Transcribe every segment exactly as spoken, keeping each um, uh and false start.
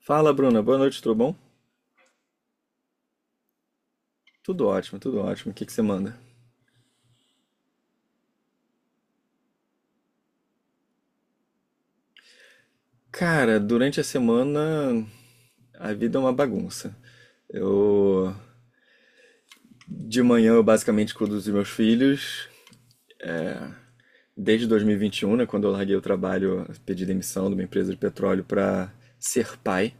Fala, Bruna. Boa noite, tudo bom? Tudo ótimo, tudo ótimo. O que que você manda? Cara, durante a semana a vida é uma bagunça. Eu De manhã eu basicamente cuido dos meus filhos desde dois mil e e vinte e um, né, quando eu larguei o trabalho, pedi demissão de uma empresa de petróleo para ser pai.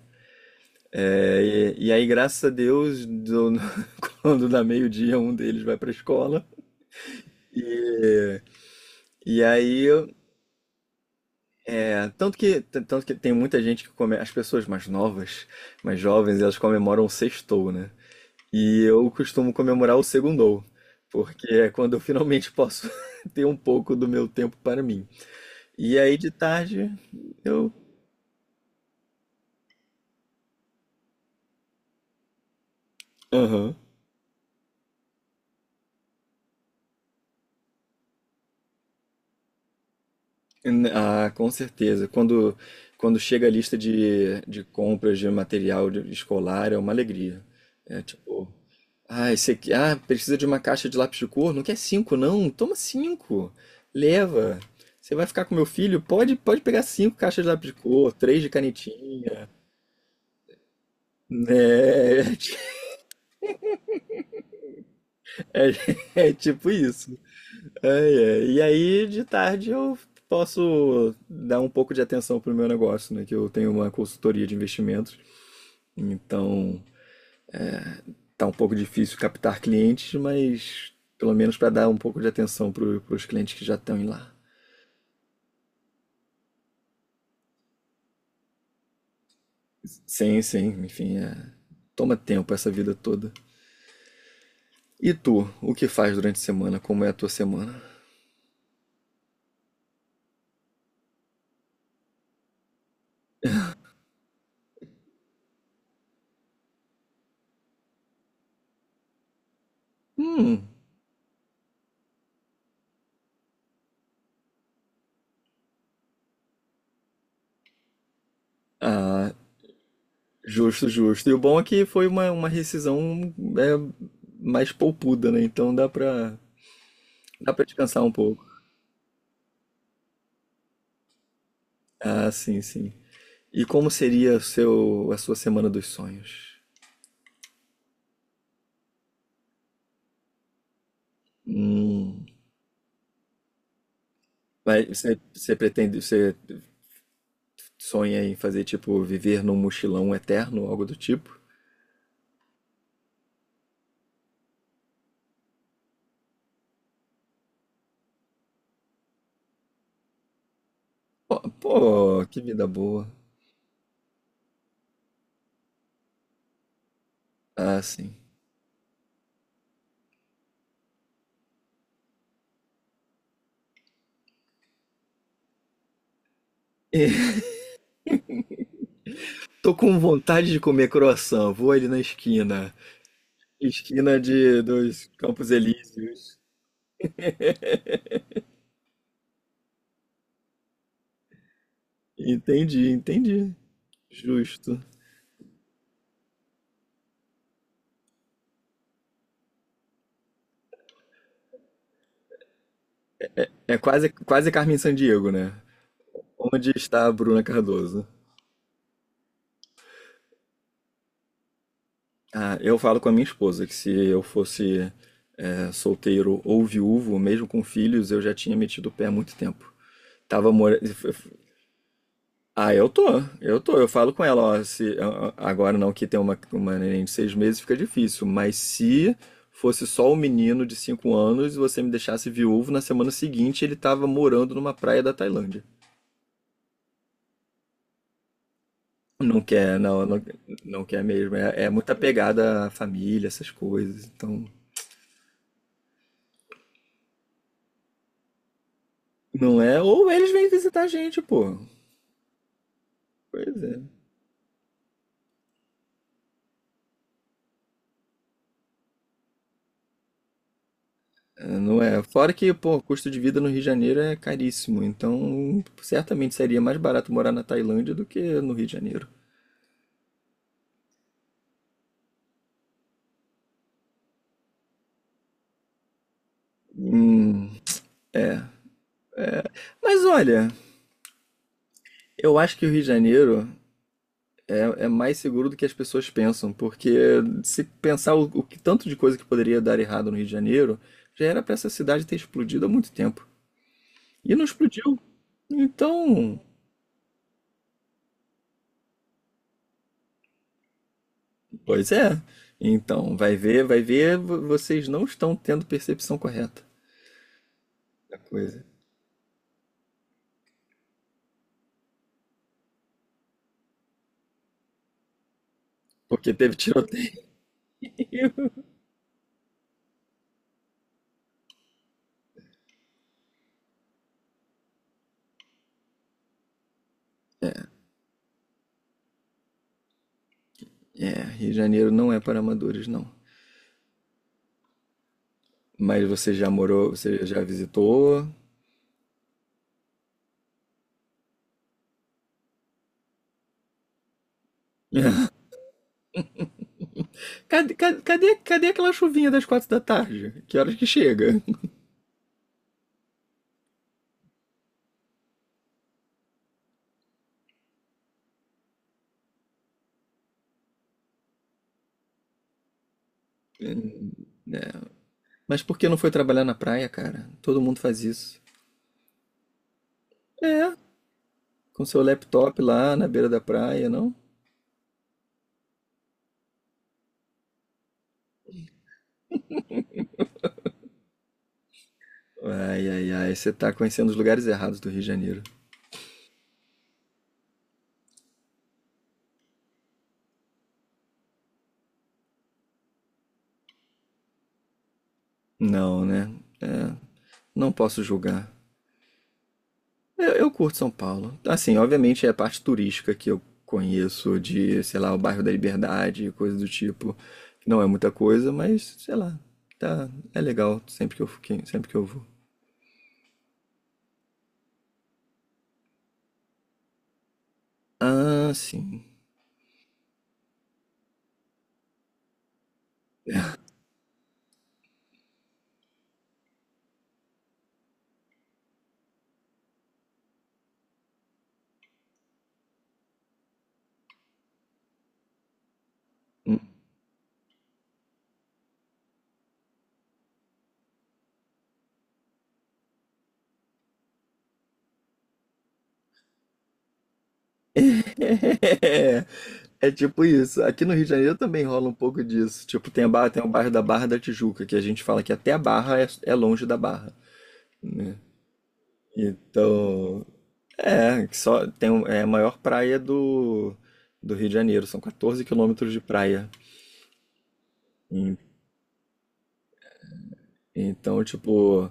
É, e, e aí, graças a Deus, do- quando dá meio-dia, um deles vai para a escola. E, e aí. É, tanto que, t- tanto que tem muita gente que come, as pessoas mais novas, mais jovens, elas comemoram o sextou, né? E eu costumo comemorar o segundou, porque é quando eu finalmente posso ter um pouco do meu tempo para mim. E aí de tarde eu, aham. Ah, com certeza. Quando quando chega a lista de, de compras de material de- escolar é uma alegria. É tipo ah, esse aqui. Ah, precisa de uma caixa de lápis de cor? Não quer cinco, não? Toma cinco. Leva. Você vai ficar com meu filho? Pode, pode pegar cinco caixas de lápis de cor, três de canetinha. É, é, é tipo isso. Ai, ai. E aí, de tarde, eu posso dar um pouco de atenção pro meu negócio, né? Que eu tenho uma consultoria de investimentos. Então, tá um pouco difícil captar clientes, mas pelo menos para dar um pouco de atenção para os clientes que já estão em lá. Sim, sim, enfim, é... toma tempo essa vida toda. E tu, o que faz durante a semana? Como é a tua semana? Hum. ah, Justo, justo. E o bom é que foi uma, uma rescisão é, mais poupuda, né? Então dá pra, dá pra descansar um pouco. Ah, sim, sim. E como seria o seu, a sua semana dos sonhos? Hum. Mas você, você pretende, você sonha em fazer, tipo, viver num mochilão eterno, algo do tipo? Pô, pô, que vida boa. Ah, sim. Tô com vontade de comer croissant. Vou ali na esquina. Esquina de dos Campos Elíseos. Entendi, entendi. Justo. É quase, quase Carmen Sandiego, né? Onde está a Bruna Cardoso? Ah, eu falo com a minha esposa que se eu fosse é, solteiro ou viúvo, mesmo com filhos, eu já tinha metido o pé há muito tempo. Tava mora... Ah, eu tô, eu tô. Eu falo com ela, ó, se a- a- agora não que tem uma, uma neném de seis meses fica difícil, mas se fosse só o menino de cinco anos e você me deixasse viúvo, na semana seguinte ele tava morando numa praia da Tailândia. Não quer, não, não, não quer mesmo. É, é muito apegada à família, essas coisas. Então, não é. Ou eles vêm visitar a gente, pô. Pois é. É, não é. Fora que, pô, o custo de vida no Rio de Janeiro é caríssimo. Então, certamente seria mais barato morar na Tailândia do que no Rio de Janeiro. Hum, é. Mas olha, eu acho que o Rio de Janeiro é, é mais seguro do que as pessoas pensam, porque se pensar o, o que tanto de coisa que poderia dar errado no Rio de Janeiro, já era pra essa cidade ter explodido há muito tempo. E não explodiu. Então, pois é. Então, vai ver, vai ver, vo- vocês não estão tendo percepção correta da coisa. Porque teve tiroteio. É, é, Rio de Janeiro não é para amadores, não. Mas você já morou, você já visitou? Cadê, cadê, cadê, aquela chuvinha das quatro da tarde? Que horas que chega? É, mas por que não foi trabalhar na praia, cara? Todo mundo faz isso. É, com seu laptop lá na beira da praia, não? Ai, ai, ai, você tá conhecendo os lugares errados do Rio de Janeiro. Não, né? É, não posso julgar. Eu, eu curto São Paulo. Assim, obviamente é a parte turística que eu conheço de, sei lá, o bairro da Liberdade, coisa do tipo. Não é muita coisa, mas, sei lá, tá, é legal sempre que eu, sempre que eu vou. Ah, sim. É, é tipo isso. Aqui no Rio de Janeiro também rola um pouco disso. Tipo, tem a Barra, tem o bairro da Barra da Tijuca, que a gente fala que até a Barra é, é longe da Barra, né? Então, é, que só tem um- é a maior praia do, do Rio de Janeiro, são 14 quilômetros de praia. Em- Então, tipo,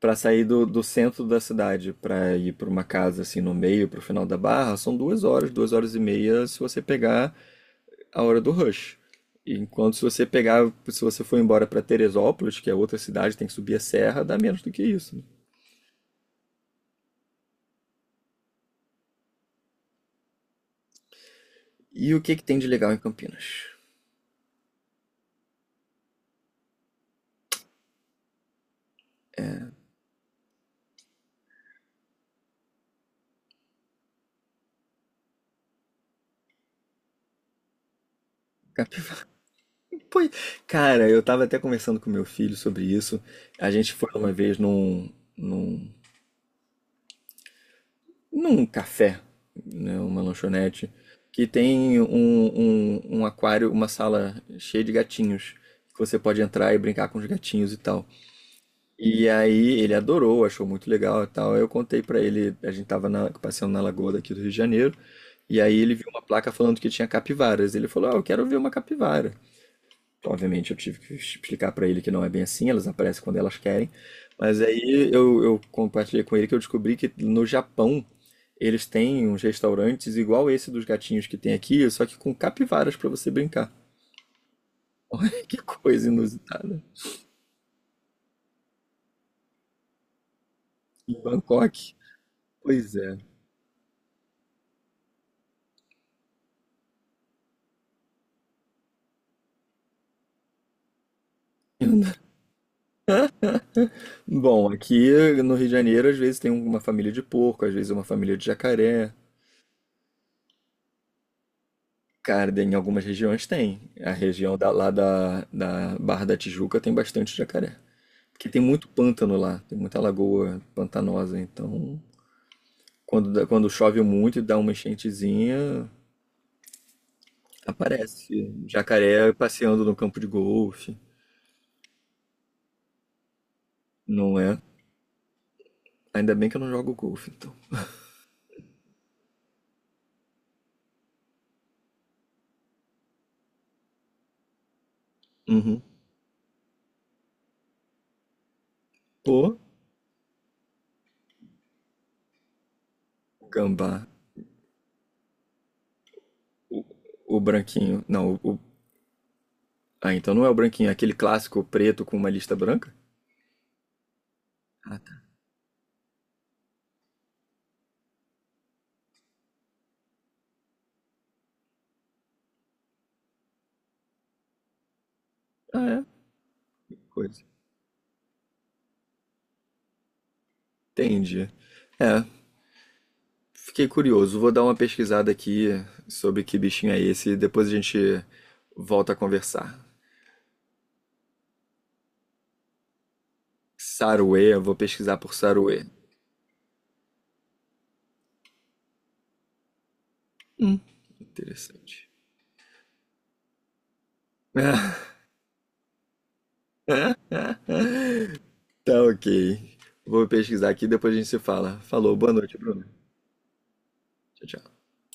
pra sair do, do centro da cidade pra ir pra uma casa assim no meio, pro final da Barra, são duas horas, duas horas e meia, se você pegar a hora do rush. E Enquanto se você pegar, se você for embora para Teresópolis, que é outra cidade, tem que subir a serra, dá menos do que isso. né? E o que que tem de legal em Campinas? Campi- Pô, cara, eu tava até conversando com meu filho sobre isso. A gente foi uma vez num, num, num café, né, uma lanchonete, que tem um, um, um aquário, uma sala cheia de gatinhos, que você pode entrar e brincar com os gatinhos e tal. E aí ele adorou, achou muito legal e tal. Aí eu contei pra ele, a gente tava na- passeando na lagoa daqui do Rio de Janeiro, e aí ele viu uma placa falando que tinha capivaras. Ele falou: "Ah, eu quero ver uma capivara". Obviamente eu tive que explicar pra ele que não é bem assim, elas aparecem quando elas querem. Mas aí eu, eu compartilhei com ele que eu descobri que no Japão eles têm uns restaurantes igual esse dos gatinhos que tem aqui, só que com capivaras pra você brincar. Olha que coisa inusitada. Em Bangkok. Pois é. Bom, aqui no Rio de Janeiro, às vezes tem uma família de porco, às vezes uma família de jacaré. Cara, em algumas regiões tem. A região da- lá da, da Barra da Tijuca tem bastante jacaré. Porque tem muito pântano lá, tem muita lagoa pantanosa. Então, quando, dá- quando chove muito e dá uma enchentezinha, aparece jacaré passeando no campo de golfe, não é? Ainda bem que eu não jogo golfe, então. Uhum. O gambá, o branquinho. Não, o, ah, então não é o branquinho, é aquele clássico preto com uma lista branca? Ah, tá. Ah, é? Coisa. Entendi. É, fiquei curioso. Vou dar uma pesquisada aqui sobre que bichinho é esse e depois a gente volta a conversar. Saruê, eu vou pesquisar por Saruê. Hum. Interessante. Tá ok. Vou pesquisar aqui e depois a gente se fala. Falou, boa noite, Bruno. Tchau, tchau.